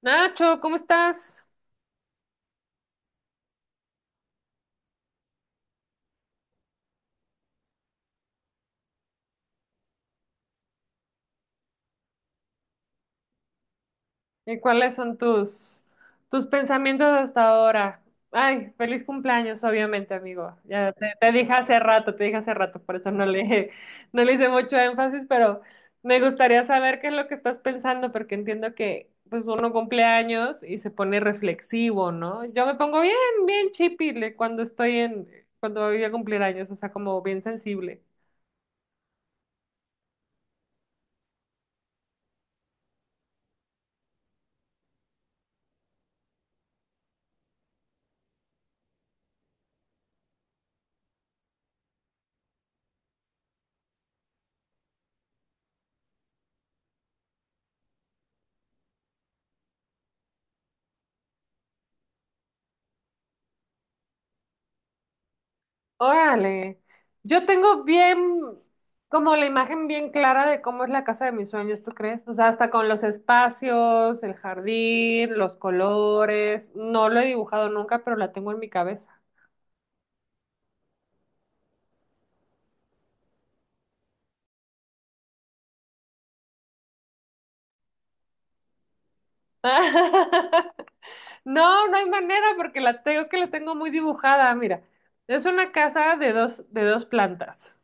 Nacho, ¿cómo estás? ¿Y cuáles son tus pensamientos hasta ahora? Ay, feliz cumpleaños, obviamente, amigo. Ya te dije hace rato, te dije hace rato, por eso no le hice mucho énfasis, pero me gustaría saber qué es lo que estás pensando, porque entiendo que pues uno cumple años y se pone reflexivo, ¿no? Yo me pongo bien, bien chipile cuando voy a cumplir años, o sea, como bien sensible. Órale, yo tengo bien, como la imagen bien clara de cómo es la casa de mis sueños, ¿tú crees? O sea, hasta con los espacios, el jardín, los colores. No lo he dibujado nunca, pero la tengo en mi cabeza. No, no hay manera porque la tengo muy dibujada. Mira, es una casa de dos plantas.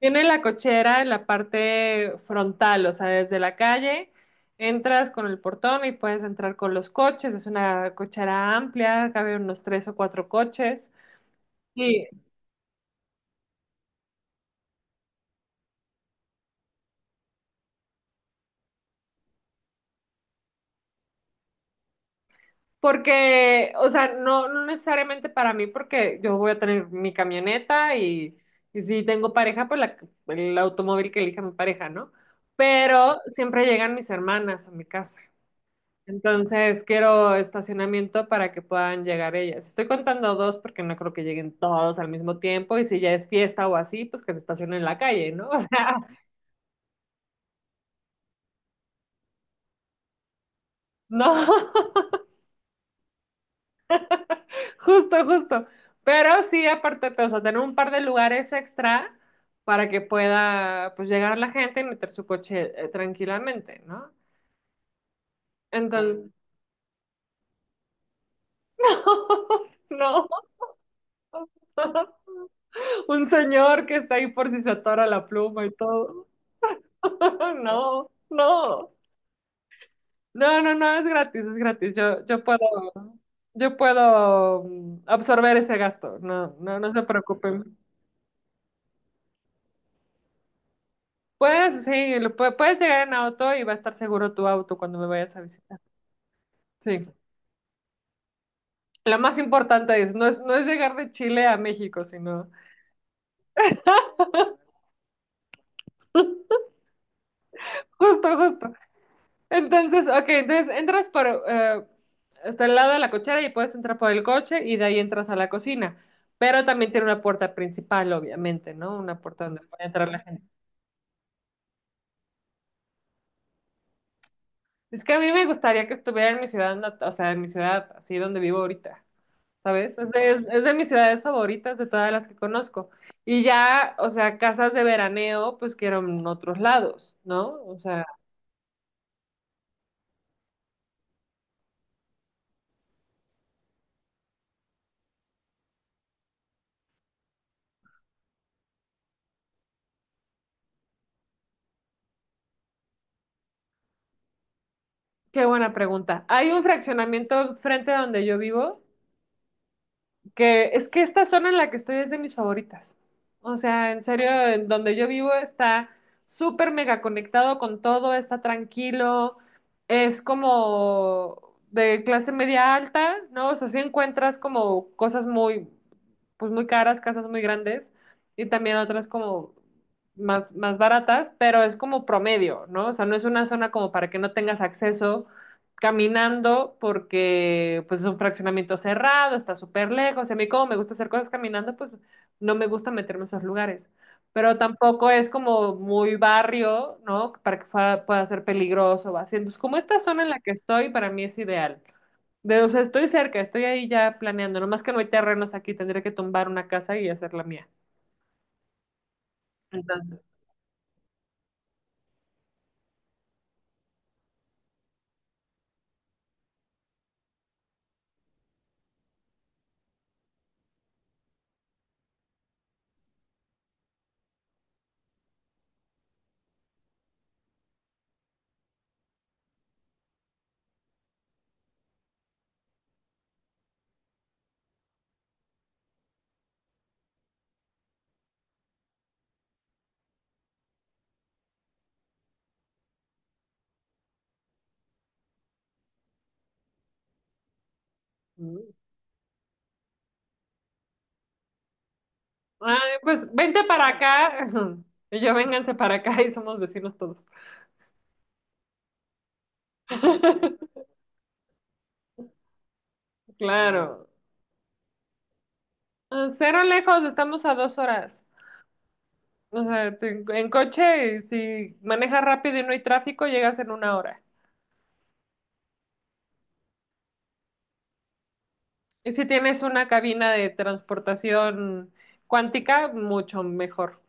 Tiene la cochera en la parte frontal, o sea, desde la calle entras con el portón y puedes entrar con los coches. Es una cochera amplia, cabe unos tres o cuatro coches. Y porque, o sea, no, no necesariamente para mí, porque yo voy a tener mi camioneta y si tengo pareja, pues el automóvil que elija mi pareja, ¿no? Pero siempre llegan mis hermanas a mi casa. Entonces quiero estacionamiento para que puedan llegar ellas. Estoy contando dos porque no creo que lleguen todos al mismo tiempo y si ya es fiesta o así, pues que se estacionen en la calle, ¿no? O sea, no, justo, justo. Pero sí, aparte, o sea, tener un par de lugares extra para que pueda, pues, llegar la gente y meter su coche tranquilamente, ¿no? Entonces, no, un señor que está ahí por si se atora la pluma y todo. No, no. No, no, no, es gratis, es gratis. Yo puedo absorber ese gasto. No, no, no se preocupen. Puedes, sí, puedes llegar en auto y va a estar seguro tu auto cuando me vayas a visitar. Sí. Lo más importante no es llegar de Chile a México, sino justo, justo. Entonces, ok, entonces entras por hasta el lado de la cochera y puedes entrar por el coche y de ahí entras a la cocina. Pero también tiene una puerta principal, obviamente, ¿no? Una puerta donde puede entrar la gente. Es que a mí me gustaría que estuviera en mi ciudad, o sea, en mi ciudad, así donde vivo ahorita, ¿sabes? Es de mis ciudades favoritas de todas las que conozco. Y ya, o sea, casas de veraneo, pues quiero en otros lados, ¿no? O sea, qué buena pregunta. Hay un fraccionamiento frente a donde yo vivo, que es que esta zona en la que estoy es de mis favoritas. O sea, en serio, en donde yo vivo está súper mega conectado con todo, está tranquilo, es como de clase media alta, ¿no? O sea, sí encuentras como cosas muy, pues muy caras, casas muy grandes y también otras como más baratas, pero es como promedio, ¿no? O sea, no es una zona como para que no tengas acceso caminando porque pues es un fraccionamiento cerrado, está súper lejos. Y a mí como me gusta hacer cosas caminando, pues no me gusta meterme en esos lugares. Pero tampoco es como muy barrio, ¿no? Para que pueda ser peligroso o así. Entonces, como esta zona en la que estoy, para mí es ideal. O sea, estoy cerca, estoy ahí ya planeando. Nomás que no hay terrenos aquí, tendría que tumbar una casa y hacer la mía. Entonces, mm, ay, pues vente para acá. Vénganse para acá y somos vecinos todos. Claro. Ah, cero lejos, estamos a 2 horas. O sea, en coche, si manejas rápido y no hay tráfico, llegas en 1 hora. Y si tienes una cabina de transportación cuántica, mucho mejor.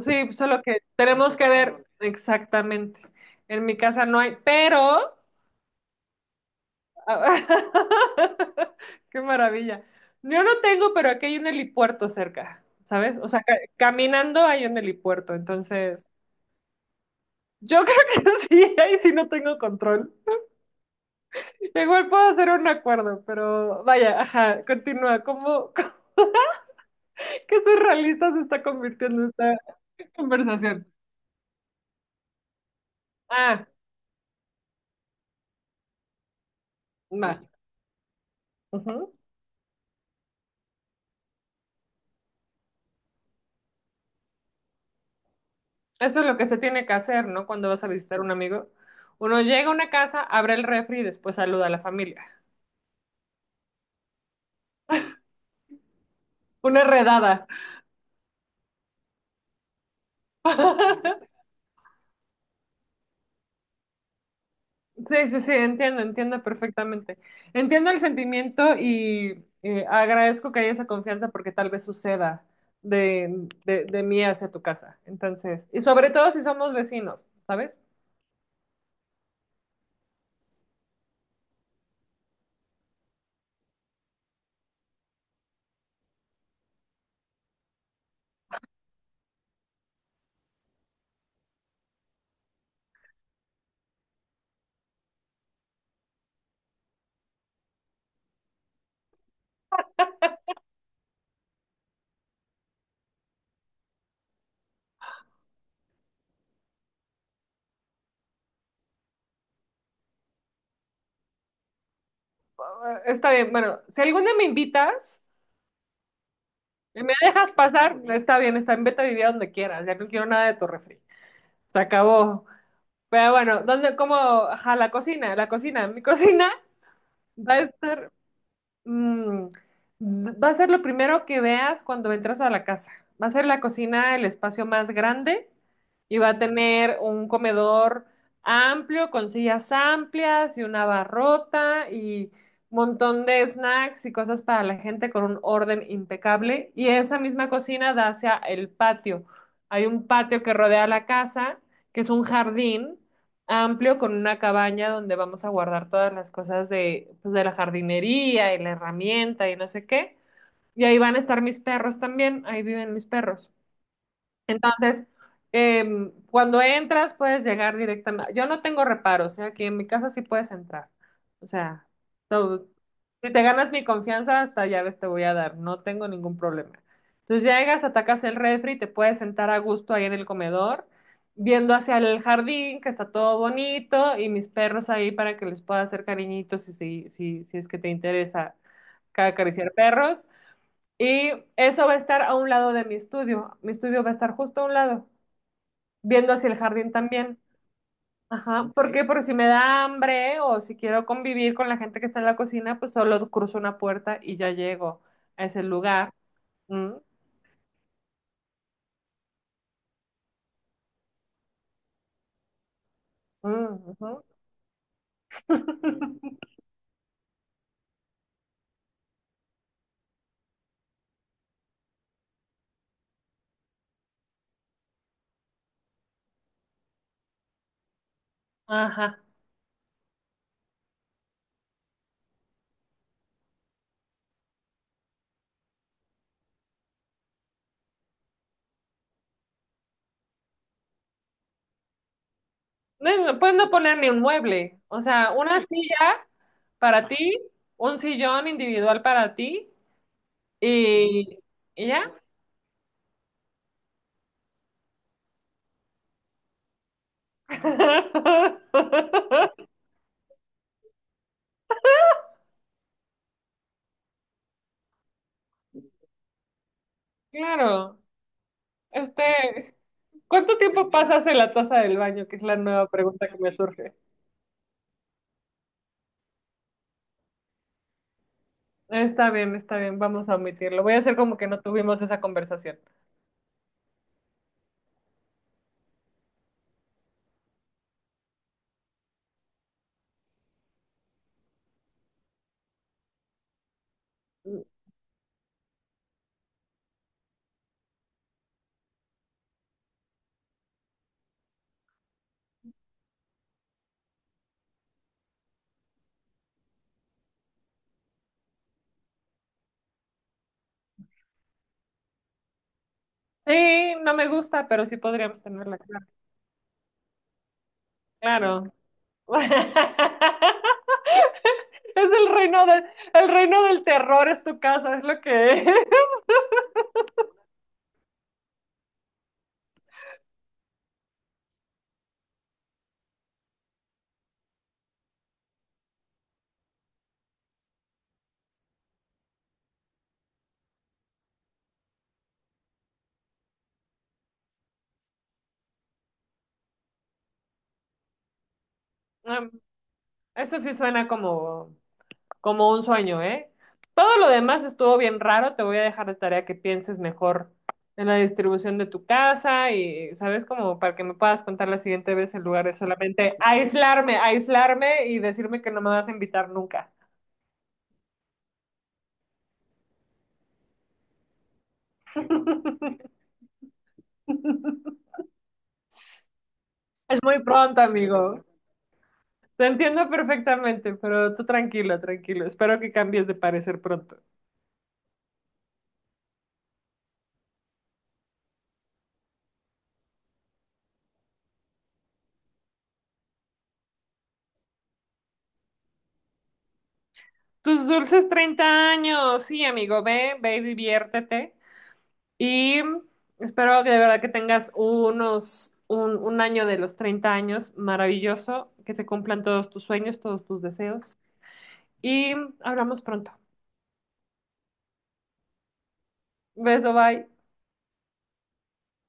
Sí, solo que tenemos que ver exactamente. En mi casa no hay, pero... Qué maravilla. Yo no tengo, pero aquí hay un helipuerto cerca, ¿sabes? O sea, caminando hay un helipuerto, entonces... Yo creo que sí, ahí sí no tengo control. Igual puedo hacer un acuerdo, pero vaya, ajá, continúa. ¿Qué surrealista se está convirtiendo esta conversación? Ah, va. Ujú. Eso es lo que se tiene que hacer, ¿no? Cuando vas a visitar a un amigo. Uno llega a una casa, abre el refri y después saluda a la familia. Una redada. Sí, sí, sí, entiendo, entiendo perfectamente. Entiendo el sentimiento y agradezco que haya esa confianza porque tal vez suceda de mí hacia tu casa. Entonces, y sobre todo si somos vecinos, ¿sabes? Eh, Está bien, bueno, si algún día me invitas y me dejas pasar, está bien, vete a vivir a donde quieras, ya no quiero nada de tu refri. Se acabó. Pero bueno, ¿dónde, cómo? Ajá, mi cocina va a estar Mm, va a ser lo primero que veas cuando entras a la casa. Va a ser la cocina el espacio más grande y va a tener un comedor amplio con sillas amplias y una barrota y un montón de snacks y cosas para la gente con un orden impecable. Y esa misma cocina da hacia el patio. Hay un patio que rodea la casa, que es un jardín amplio con una cabaña donde vamos a guardar todas las cosas de, pues, de la jardinería y la herramienta y no sé qué. Y ahí van a estar mis perros también, ahí viven mis perros. Entonces, cuando entras puedes llegar directamente. Yo no tengo reparos, ¿eh? Aquí en mi casa sí puedes entrar. O sea, todo, si te ganas mi confianza, hasta llaves te voy a dar, no tengo ningún problema. Entonces llegas, atacas el refri, te puedes sentar a gusto ahí en el comedor, viendo hacia el jardín, que está todo bonito, y mis perros ahí para que les pueda hacer cariñitos, si es que te interesa acariciar perros. Y eso va a estar a un lado de mi estudio va a estar justo a un lado, viendo hacia el jardín también. Ajá, porque por si me da hambre o si quiero convivir con la gente que está en la cocina, pues solo cruzo una puerta y ya llego a ese lugar. Mm, mm, ujú. Ajá. No, puedes no poner ni un mueble, o sea, una silla para ti, un sillón individual para ti y, y ya. Claro, este, ¿cuánto tiempo pasas en la taza del baño? Que es la nueva pregunta que me surge. Está bien, vamos a omitirlo. Voy a hacer como que no tuvimos esa conversación. Mm, sí, no me gusta, pero sí podríamos tenerla, claro. Claro. Es el reino del terror, es tu casa, es lo que es. Em, Eso sí suena como un sueño, ¿eh? Todo lo demás estuvo bien raro, te voy a dejar de tarea que pienses mejor en la distribución de tu casa y, ¿sabes? Como para que me puedas contar la siguiente vez en lugar de solamente aislarme, aislarme y decirme que no me vas a invitar nunca. Es muy pronto, amigo. Te entiendo perfectamente, pero tú tranquilo, tranquilo. Espero que cambies de parecer pronto. Tus dulces 30 años. Sí, amigo, ve, ve y diviértete. Y espero que de verdad que tengas un año de los 30 años maravilloso, que se cumplan todos tus sueños, todos tus deseos. Y hablamos pronto. Beso, bye.